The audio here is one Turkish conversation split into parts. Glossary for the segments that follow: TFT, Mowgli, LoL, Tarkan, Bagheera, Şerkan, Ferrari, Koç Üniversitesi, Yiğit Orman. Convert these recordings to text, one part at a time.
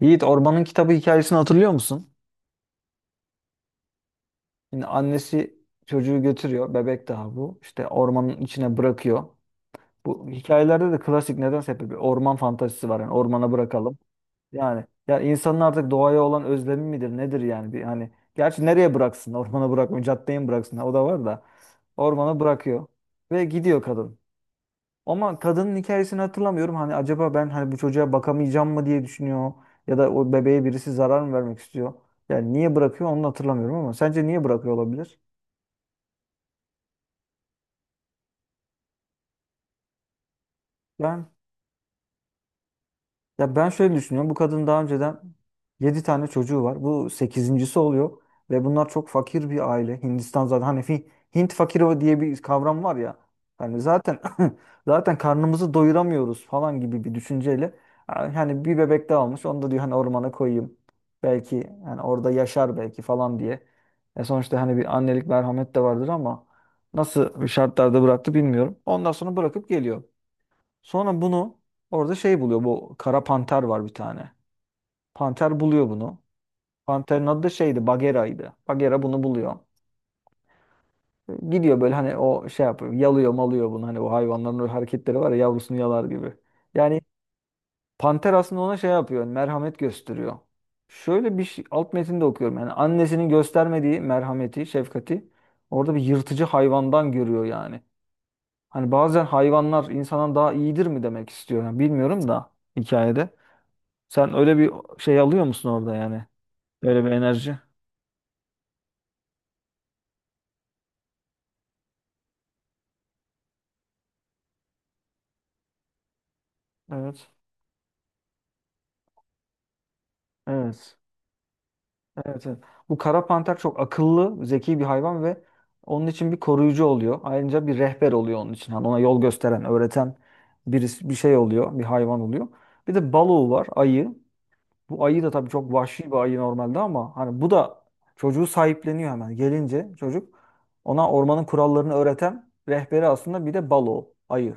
Yiğit Orman'ın kitabı hikayesini hatırlıyor musun? Yine annesi çocuğu götürüyor. Bebek daha bu. İşte ormanın içine bırakıyor. Bu hikayelerde de klasik nedense hep bir orman fantazisi var. Yani ormana bırakalım. Yani ya insanın artık doğaya olan özlemi midir nedir yani? Bir, hani gerçi nereye bıraksın? Ormana bırakmıyor. Caddeye mi bıraksın? O da var da. Ormana bırakıyor. Ve gidiyor kadın. Ama kadının hikayesini hatırlamıyorum. Hani acaba ben hani bu çocuğa bakamayacağım mı diye düşünüyor. Ya da o bebeğe birisi zarar mı vermek istiyor. Yani niye bırakıyor onu da hatırlamıyorum ama sence niye bırakıyor olabilir? Ben Ya ben şöyle düşünüyorum. Bu kadın daha önceden 7 tane çocuğu var. Bu sekizincisi oluyor ve bunlar çok fakir bir aile. Hindistan zaten hani Hint fakiri diye bir kavram var ya. Hani zaten zaten karnımızı doyuramıyoruz falan gibi bir düşünceyle hani bir bebek daha almış. Onu da diyor hani ormana koyayım. Belki hani orada yaşar belki falan diye. E sonuçta hani bir annelik merhamet de vardır ama nasıl şartlarda bıraktı bilmiyorum. Ondan sonra bırakıp geliyor. Sonra bunu orada şey buluyor. Bu kara panter var bir tane. Panter buluyor bunu. Panterin adı da şeydi Bagheera'ydı. Bagheera bunu buluyor. Gidiyor böyle hani o şey yapıyor. Yalıyor malıyor bunu. Hani o hayvanların o hareketleri var ya yavrusunu yalar gibi. Yani panter aslında ona şey yapıyor. Hani merhamet gösteriyor. Şöyle bir şey, alt metinde okuyorum. Yani annesinin göstermediği merhameti, şefkati orada bir yırtıcı hayvandan görüyor yani. Hani bazen hayvanlar insandan daha iyidir mi demek istiyor. Yani bilmiyorum da hikayede. Sen öyle bir şey alıyor musun orada yani? Öyle bir enerji. Evet. Evet. Evet. Evet. Bu kara panter çok akıllı, zeki bir hayvan ve onun için bir koruyucu oluyor. Ayrıca bir rehber oluyor onun için. Hani ona yol gösteren, öğreten birisi, bir şey oluyor, bir hayvan oluyor. Bir de balığı var, ayı. Bu ayı da tabii çok vahşi bir ayı normalde ama hani bu da çocuğu sahipleniyor hemen. Gelince çocuk ona ormanın kurallarını öğreten rehberi aslında bir de balığı, ayı.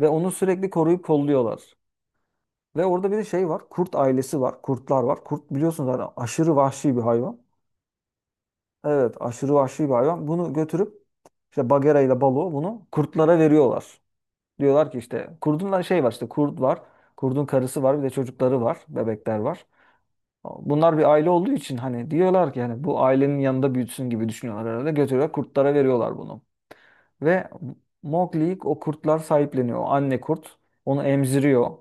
Ve onu sürekli koruyup kolluyorlar. Ve orada bir de şey var. Kurt ailesi var. Kurtlar var. Kurt biliyorsunuz zaten aşırı vahşi bir hayvan. Evet, aşırı vahşi bir hayvan. Bunu götürüp işte Bagheera ile Balu bunu kurtlara veriyorlar. Diyorlar ki işte kurdun da şey var işte kurt var. Kurdun karısı var bir de çocukları var. Bebekler var. Bunlar bir aile olduğu için hani diyorlar ki hani bu ailenin yanında büyütsün gibi düşünüyorlar herhalde. Götürüyorlar kurtlara veriyorlar bunu. Ve Mowgli'yi o kurtlar sahipleniyor. O anne kurt onu emziriyor.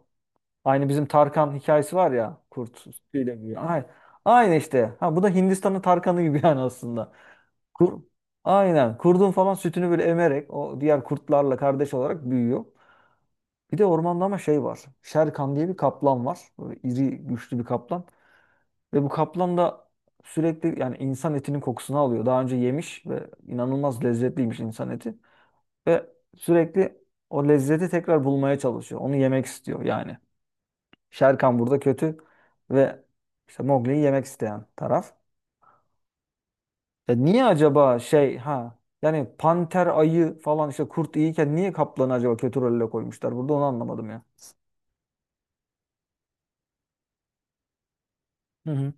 Aynı bizim Tarkan hikayesi var ya kurt ile büyüyor. Aynı işte. Ha, bu da Hindistan'ın Tarkan'ı gibi yani aslında. Kur, aynen. Kurdun falan sütünü böyle emerek o diğer kurtlarla kardeş olarak büyüyor. Bir de ormanda ama şey var. Şerkan diye bir kaplan var. Böyle iri güçlü bir kaplan. Ve bu kaplan da sürekli yani insan etinin kokusunu alıyor. Daha önce yemiş ve inanılmaz lezzetliymiş insan eti. Ve sürekli o lezzeti tekrar bulmaya çalışıyor. Onu yemek istiyor yani. Şerkan burada kötü ve işte Mowgli'yi yemek isteyen taraf. Ya niye acaba şey ha yani panter ayı falan işte kurt iyiyken niye kaplanı acaba kötü rolle koymuşlar? Burada onu anlamadım ya. Hı hı.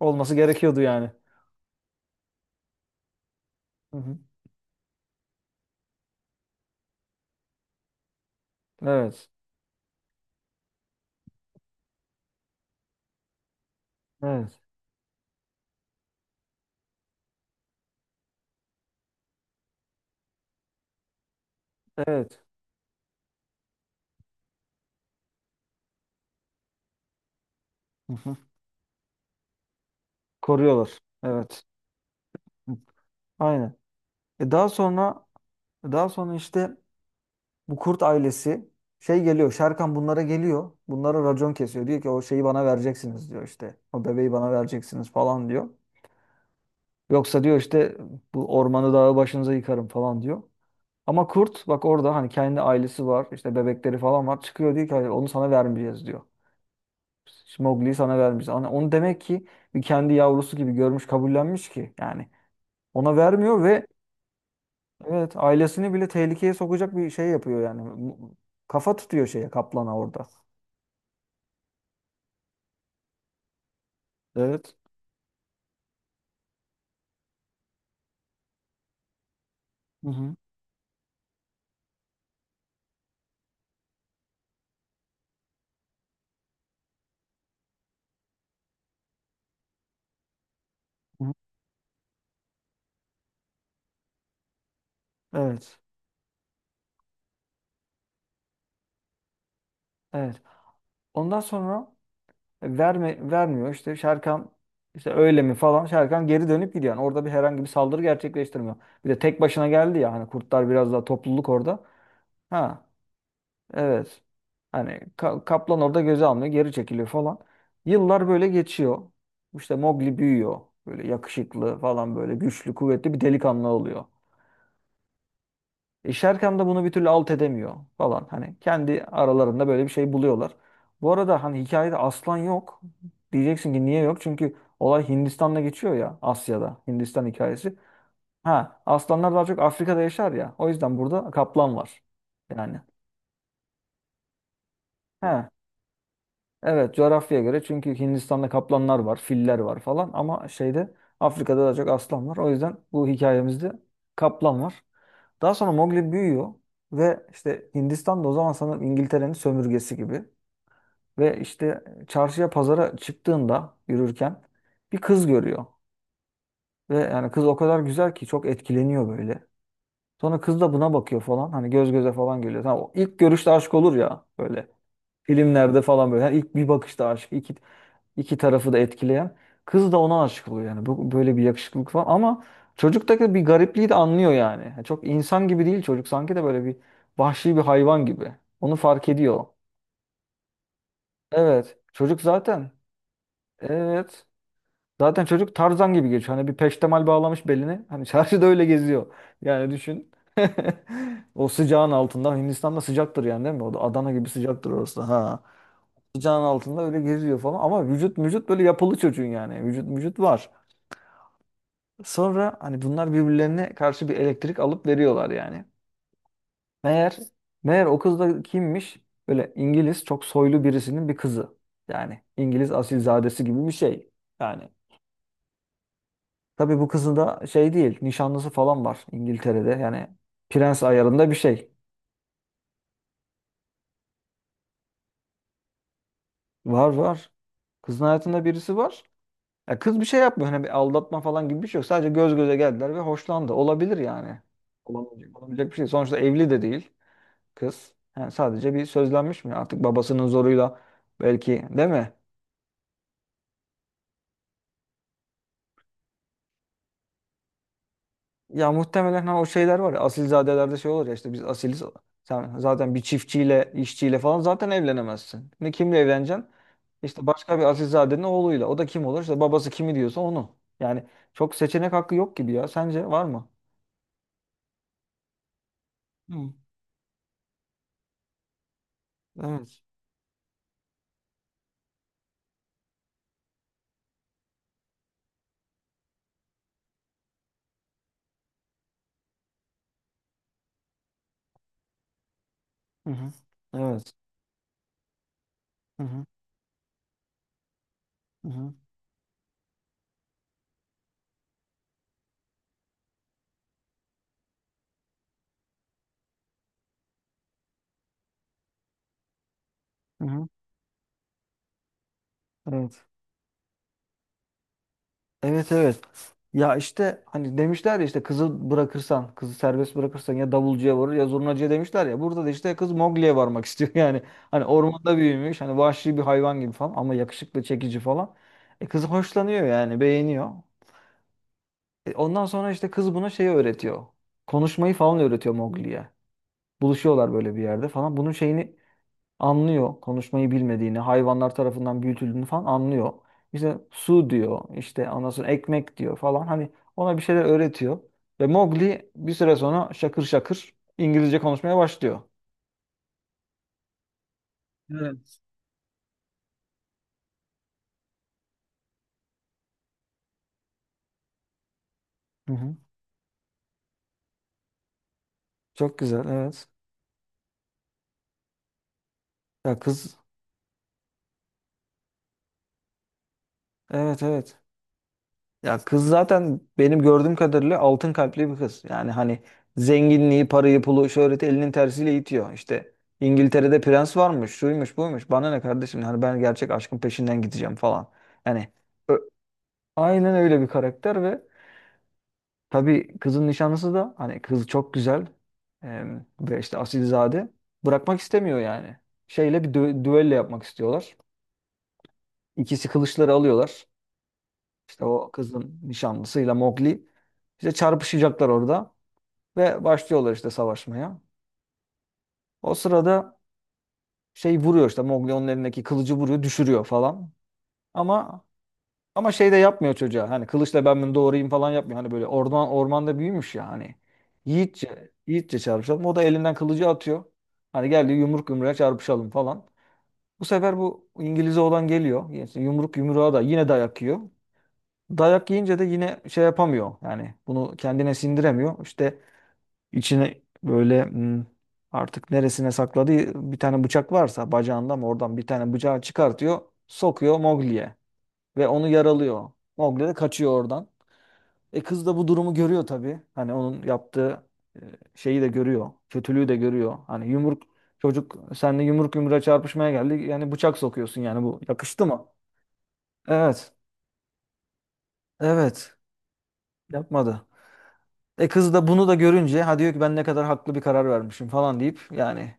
Olması gerekiyordu yani. Hı hı. Evet. Evet. Evet. Hı hı. Koruyorlar. Evet. Hı. Aynen. E daha sonra işte bu kurt ailesi şey geliyor. Şerkan bunlara geliyor. Bunlara racon kesiyor. Diyor ki o şeyi bana vereceksiniz diyor işte. O bebeği bana vereceksiniz falan diyor. Yoksa diyor işte bu ormanı dağı başınıza yıkarım falan diyor. Ama kurt bak orada hani kendi ailesi var. İşte bebekleri falan var. Çıkıyor diyor ki "Hayır, onu sana vermeyeceğiz diyor. Mowgli'yi sana vermeyeceğiz. Hani onu demek ki bir kendi yavrusu gibi görmüş kabullenmiş ki yani. Ona vermiyor ve, evet, ailesini bile tehlikeye sokacak bir şey yapıyor yani. Kafa tutuyor şeye kaplana orada. Evet. Hı hı. Hı hı. Evet. Evet. Ondan sonra vermiyor. İşte Şerkan işte öyle mi falan. Şerkan geri dönüp gidiyor. Yani orada bir herhangi bir saldırı gerçekleştirmiyor. Bir de tek başına geldi ya. Hani kurtlar biraz daha topluluk orada. Ha. Evet. Hani kaplan orada göze almıyor. Geri çekiliyor falan. Yıllar böyle geçiyor. İşte Mowgli büyüyor. Böyle yakışıklı falan böyle güçlü kuvvetli bir delikanlı oluyor. Şerkan da bunu bir türlü alt edemiyor falan. Hani kendi aralarında böyle bir şey buluyorlar. Bu arada hani hikayede aslan yok. Diyeceksin ki niye yok? Çünkü olay Hindistan'da geçiyor ya Asya'da. Hindistan hikayesi. Ha aslanlar daha çok Afrika'da yaşar ya. O yüzden burada kaplan var. Yani. Ha evet coğrafyaya göre çünkü Hindistan'da kaplanlar var, filler var falan ama şeyde Afrika'da daha çok aslan var. O yüzden bu hikayemizde kaplan var. Daha sonra Mowgli büyüyor ve işte Hindistan'da o zaman sanırım İngiltere'nin sömürgesi gibi. Ve işte çarşıya pazara çıktığında yürürken bir kız görüyor. Ve yani kız o kadar güzel ki çok etkileniyor böyle. Sonra kız da buna bakıyor falan. Hani göz göze falan geliyor. Tamam, o ilk görüşte aşk olur ya böyle. Filmlerde falan böyle. Yani ilk bir bakışta aşk. İki. İki tarafı da etkileyen. Kız da ona aşık oluyor yani. Bu, böyle bir yakışıklılık falan ama çocuktaki bir garipliği de anlıyor yani. Yani çok insan gibi değil çocuk sanki de böyle bir vahşi bir hayvan gibi. Onu fark ediyor. Evet. Çocuk zaten. Evet. Zaten çocuk Tarzan gibi geçiyor. Hani bir peştemal bağlamış beline. Hani çarşıda öyle geziyor. Yani düşün. O sıcağın altında. Hindistan'da sıcaktır yani değil mi? O da Adana gibi sıcaktır orası. Ha. Sıcağın altında öyle geziyor falan. Ama vücut vücut böyle yapılı çocuğun yani. Vücut vücut var. Sonra hani bunlar birbirlerine karşı bir elektrik alıp veriyorlar yani. Meğer meğer o kız da kimmiş? Böyle İngiliz çok soylu birisinin bir kızı. Yani İngiliz asilzadesi gibi bir şey. Yani tabii bu kızın da şey değil, nişanlısı falan var İngiltere'de. Yani prens ayarında bir şey. Var var. Kızın hayatında birisi var. Ya kız bir şey yapmıyor. Hani bir aldatma falan gibi bir şey yok. Sadece göz göze geldiler ve hoşlandı. Olabilir yani. Olamayacak, olabilecek bir şey. Sonuçta evli de değil kız. Yani sadece bir sözlenmiş mi? Artık babasının zoruyla belki değil mi? Ya muhtemelen ha o şeyler var ya asilzadelerde şey olur ya işte biz asiliz. Sen zaten bir çiftçiyle, işçiyle falan zaten evlenemezsin. Ne kimle evleneceksin? İşte başka bir asilzadenin oğluyla. O da kim olur? İşte babası kimi diyorsa onu. Yani çok seçenek hakkı yok gibi ya. Sence var mı? Hı. Evet. Hı hı. Evet. Hı hı. Hı hı. Hı hı. Evet. Evet evet. Ya işte hani demişler ya işte kızı bırakırsan, kızı serbest bırakırsan ya davulcuya varır ya zurnacıya demişler ya. Burada da işte kız Mogliye varmak istiyor. Yani hani ormanda büyümüş, hani vahşi bir hayvan gibi falan ama yakışıklı, çekici falan. E kız hoşlanıyor yani, beğeniyor. E ondan sonra işte kız buna şeyi öğretiyor. Konuşmayı falan öğretiyor Mogliye. Buluşuyorlar böyle bir yerde falan. Bunun şeyini anlıyor konuşmayı bilmediğini, hayvanlar tarafından büyütüldüğünü falan anlıyor. İşte su diyor, işte ondan sonra ekmek diyor falan. Hani ona bir şeyler öğretiyor. Ve Mowgli bir süre sonra şakır şakır İngilizce konuşmaya başlıyor. Evet. Hı hı. Çok güzel, evet. Ya kız, evet evet. Ya kız zaten benim gördüğüm kadarıyla altın kalpli bir kız. Yani hani zenginliği, parayı, pulu, şöhreti elinin tersiyle itiyor. İşte İngiltere'de prens varmış, şuymuş, buymuş. Bana ne kardeşim? Hani ben gerçek aşkın peşinden gideceğim falan. Yani ö- aynen öyle bir karakter ve tabii kızın nişanlısı da hani kız çok güzel ve işte asilzade bırakmak istemiyor yani. Şeyle bir düello yapmak istiyorlar. İkisi kılıçları alıyorlar. İşte o kızın nişanlısıyla Mowgli işte çarpışacaklar orada ve başlıyorlar işte savaşmaya. O sırada şey vuruyor işte Mowgli onun elindeki kılıcı vuruyor, düşürüyor falan. Ama ama şey de yapmıyor çocuğa. Hani kılıçla ben bunu doğrayayım falan yapmıyor. Hani böyle ormanda büyümüş ya hani. Yiğitçe, yiğitçe çarpışalım. O da elinden kılıcı atıyor. Hani geldi yumruk yumruğa çarpışalım falan. Bu sefer bu İngiliz oğlan geliyor. Yani yumruk yumruğa da yine dayak yiyor. Dayak yiyince de yine şey yapamıyor. Yani bunu kendine sindiremiyor. İşte içine böyle artık neresine sakladığı bir tane bıçak varsa bacağında mı oradan bir tane bıçağı çıkartıyor. Sokuyor Mowgli'ye ve onu yaralıyor. Mowgli de kaçıyor oradan. E kız da bu durumu görüyor tabii. Hani onun yaptığı e, şeyi de görüyor. Kötülüğü de görüyor. Hani çocuk seninle yumruk yumruğa çarpışmaya geldi. Yani bıçak sokuyorsun yani bu yakıştı mı? Evet. Evet. Yapmadı. E kız da bunu da görünce ha diyor ki ben ne kadar haklı bir karar vermişim falan deyip yani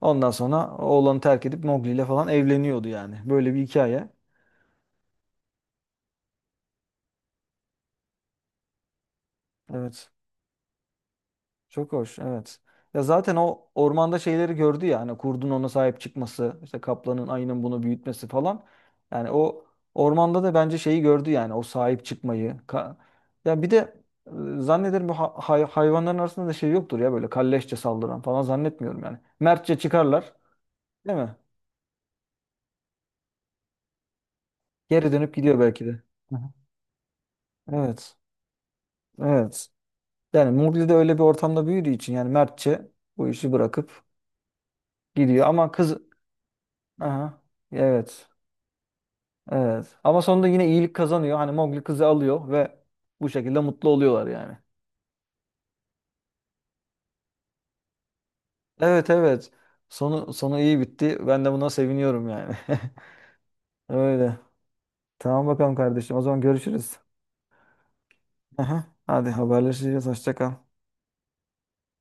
ondan sonra oğlanı terk edip Mowgli ile falan evleniyordu yani. Böyle bir hikaye. Evet. Çok hoş. Evet. Ya zaten o ormanda şeyleri gördü ya hani kurdun ona sahip çıkması, işte kaplanın ayının bunu büyütmesi falan. Yani o ormanda da bence şeyi gördü yani o sahip çıkmayı. Ya bir de zannederim bu hayvanların arasında da şey yoktur ya böyle kalleşçe saldıran falan zannetmiyorum yani. Mertçe çıkarlar, değil mi? Geri dönüp gidiyor belki de. Hı hı. Evet. Evet. Yani Murli de öyle bir ortamda büyüdüğü için yani mertçe bu işi bırakıp gidiyor ama kız aha evet. Evet. Ama sonunda yine iyilik kazanıyor. Hani Mowgli kızı alıyor ve bu şekilde mutlu oluyorlar yani. Evet evet. Sonu iyi bitti. Ben de buna seviniyorum yani. Öyle. Tamam bakalım kardeşim. O zaman görüşürüz. Aha. Hadi haberleşeceğiz. Hoşça kal.